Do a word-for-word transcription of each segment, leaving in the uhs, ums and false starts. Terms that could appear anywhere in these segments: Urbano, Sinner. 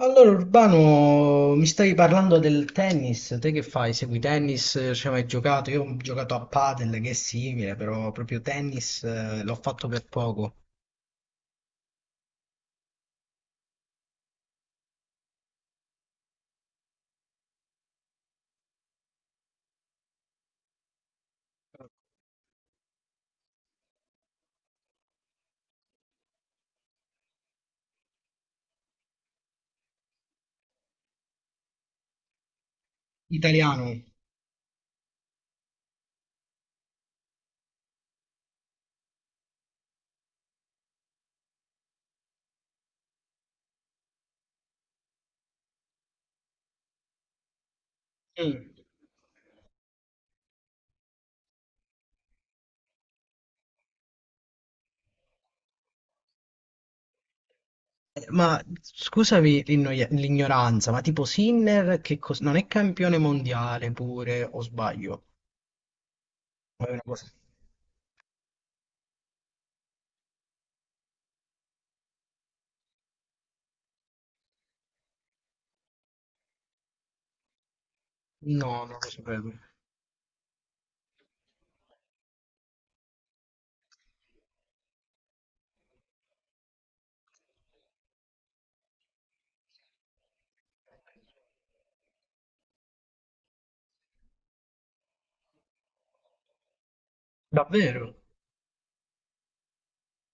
Allora, Urbano, mi stavi parlando del tennis, te che fai? Segui tennis, ci hai mai giocato? Io ho giocato a padel, che è simile, però proprio tennis eh, l'ho fatto per poco. Italiano. Mm. Eh, ma scusami l'innoia- l'ignoranza, ma tipo Sinner che cos- non è campione mondiale pure, o sbaglio? O è una cosa... No, non lo sapevo. Davvero?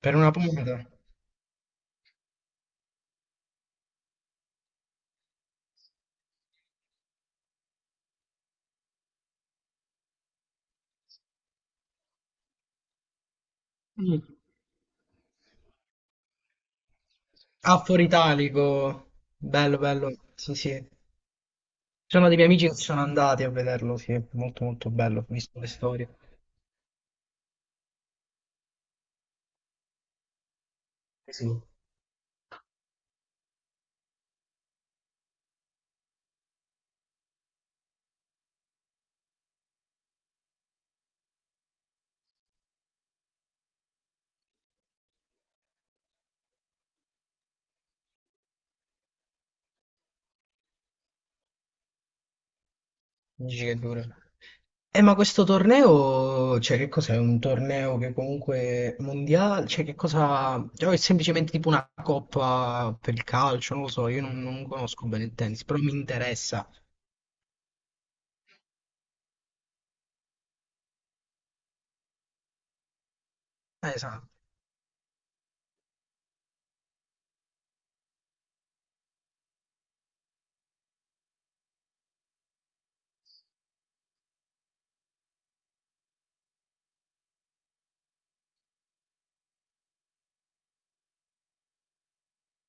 Per una punta? Mm. Ah, fuori italico. Bello, bello. Sì, sì. Ci sono dei miei amici che sono andati a vederlo, sì, è molto molto bello, ho visto le storie. Sì. Dici che dura. Eh, ma questo torneo, cioè che cos'è? Un torneo che comunque è mondiale, cioè che cosa... cioè, è semplicemente tipo una coppa per il calcio, non lo so, io non, non conosco bene il tennis, però mi interessa. Eh, Esatto.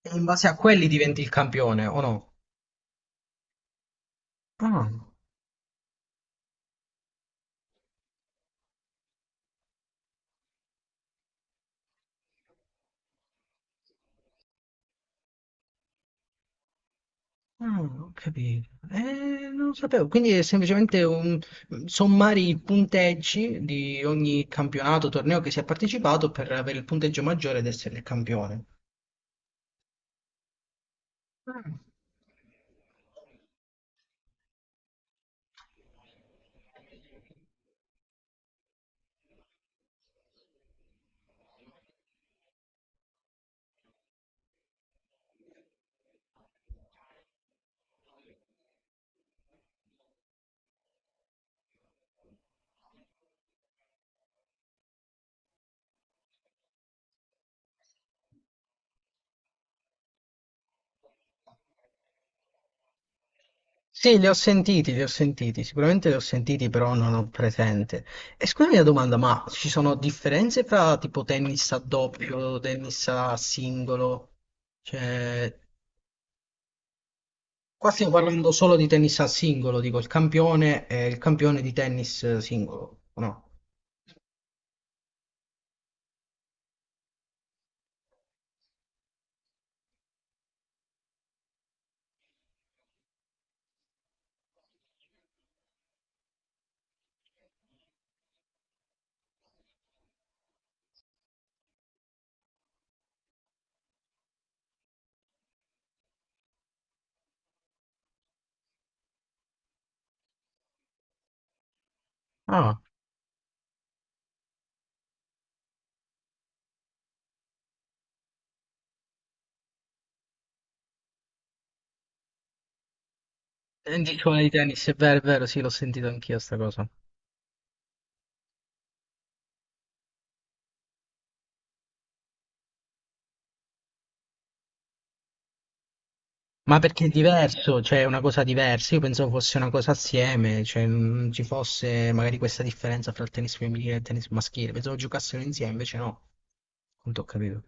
E in base a quelli diventi il campione, o no? Ah. Ah, ho capito. Eh, non lo sapevo. Quindi è semplicemente un sommare i punteggi di ogni campionato, torneo che si è partecipato per avere il punteggio maggiore ed essere il campione. Ah. Sì, li ho sentiti, li ho sentiti, sicuramente li ho sentiti, però non ho presente. E scusami la domanda, ma ci sono differenze fra tipo tennis a doppio, tennis a singolo? Cioè, qua stiamo parlando solo di tennis a singolo, dico il campione e il campione di tennis singolo, o no? Ah, eh, dicevo di tennis, è vero, è vero, sì, l'ho sentito anch'io sta cosa. Ma perché è diverso, cioè è una cosa diversa, io pensavo fosse una cosa assieme, cioè non ci fosse magari questa differenza fra il tennis femminile e il tennis maschile, pensavo giocassero insieme, invece no, non ho capito.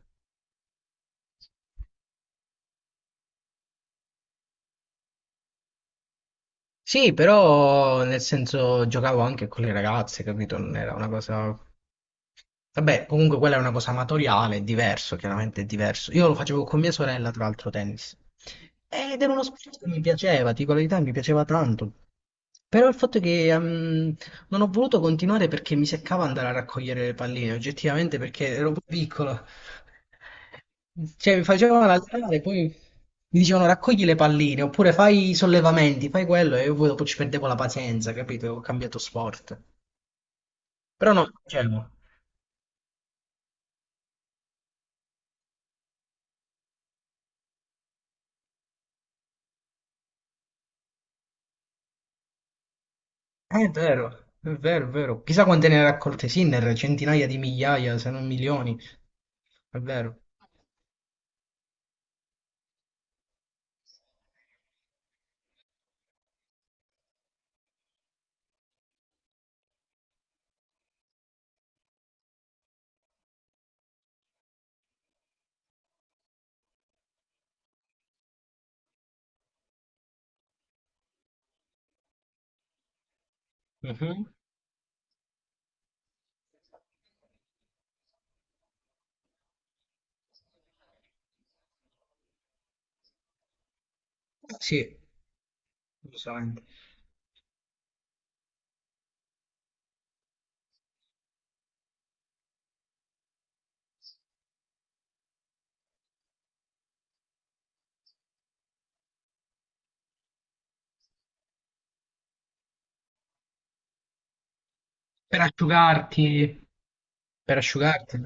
Sì, però nel senso giocavo anche con le ragazze, capito? Non era una cosa. Vabbè, comunque quella è una cosa amatoriale, è diverso, chiaramente è diverso. Io lo facevo con mia sorella, tra l'altro, tennis. Ed era uno sport che mi piaceva, ti dico la verità, mi piaceva tanto. Però il fatto è che ehm, non ho voluto continuare perché mi seccava andare a raccogliere le palline, oggettivamente perché ero pure piccolo. Cioè, mi facevano alzare, poi mi dicevano raccogli le palline, oppure fai i sollevamenti, fai quello, e io poi dopo ci perdevo la pazienza, capito? Ho cambiato sport. Però no, cioè, no. Eh, è vero, è vero, è vero. Chissà quante ne ha raccolte Sinner, centinaia di migliaia, se non milioni. È vero. Mhm. Sì, giustamente. Per asciugarti, per asciugarti.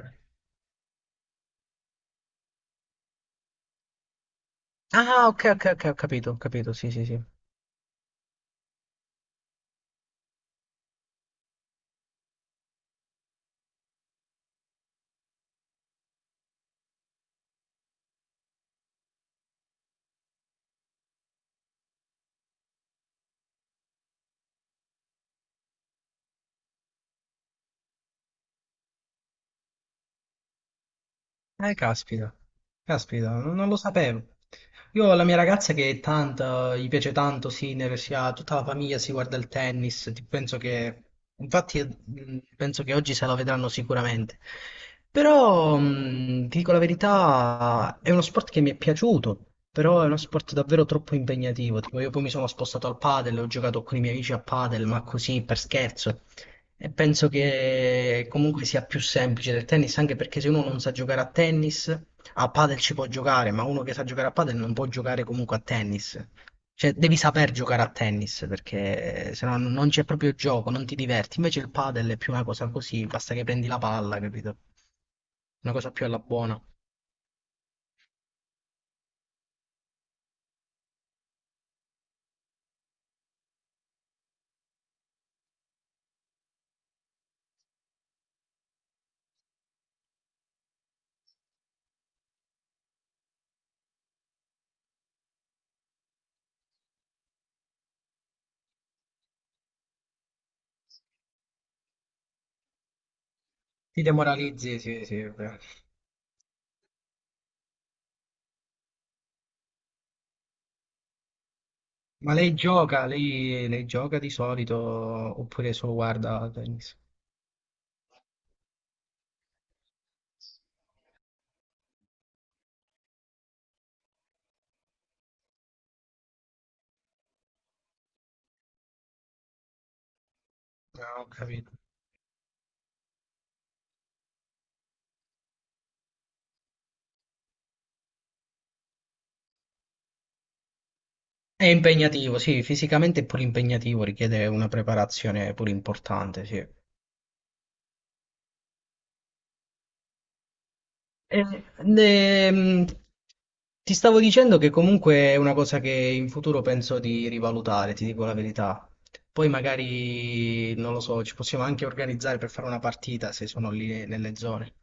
Ah, ok, ok, ok, ho capito, ho capito, sì, sì, sì. Eh, caspita, caspita, non non lo sapevo. Io ho la mia ragazza che è tanto, gli piace tanto Sinner, si ha tutta la famiglia, si guarda il tennis, ti- penso che, infatti mh, penso che oggi se la vedranno sicuramente. Però, mh, ti dico la verità, è uno sport che mi è piaciuto, però è uno sport davvero troppo impegnativo. Tipo, io poi mi sono spostato al padel, ho giocato con i miei amici a padel, ma così per scherzo. E penso che comunque sia più semplice del tennis, anche perché se uno non sa giocare a tennis, a padel ci può giocare, ma uno che sa giocare a padel non può giocare comunque a tennis. Cioè, devi saper giocare a tennis, perché eh, se no non c'è proprio gioco, non ti diverti. Invece il padel è più una cosa così, basta che prendi la palla, capito? Una cosa più alla buona. Ti demoralizzi, sì, sì. È vero. Ma lei gioca, lei, lei gioca di solito, oppure solo guarda tennis? No, ho capito. È impegnativo, sì, fisicamente è pure impegnativo, richiede una preparazione pure importante, sì. Eh, ne- mh, ti stavo dicendo che comunque è una cosa che in futuro penso di rivalutare, ti dico la verità. Poi magari, non lo so, ci possiamo anche organizzare per fare una partita se sono lì nelle zone. Ci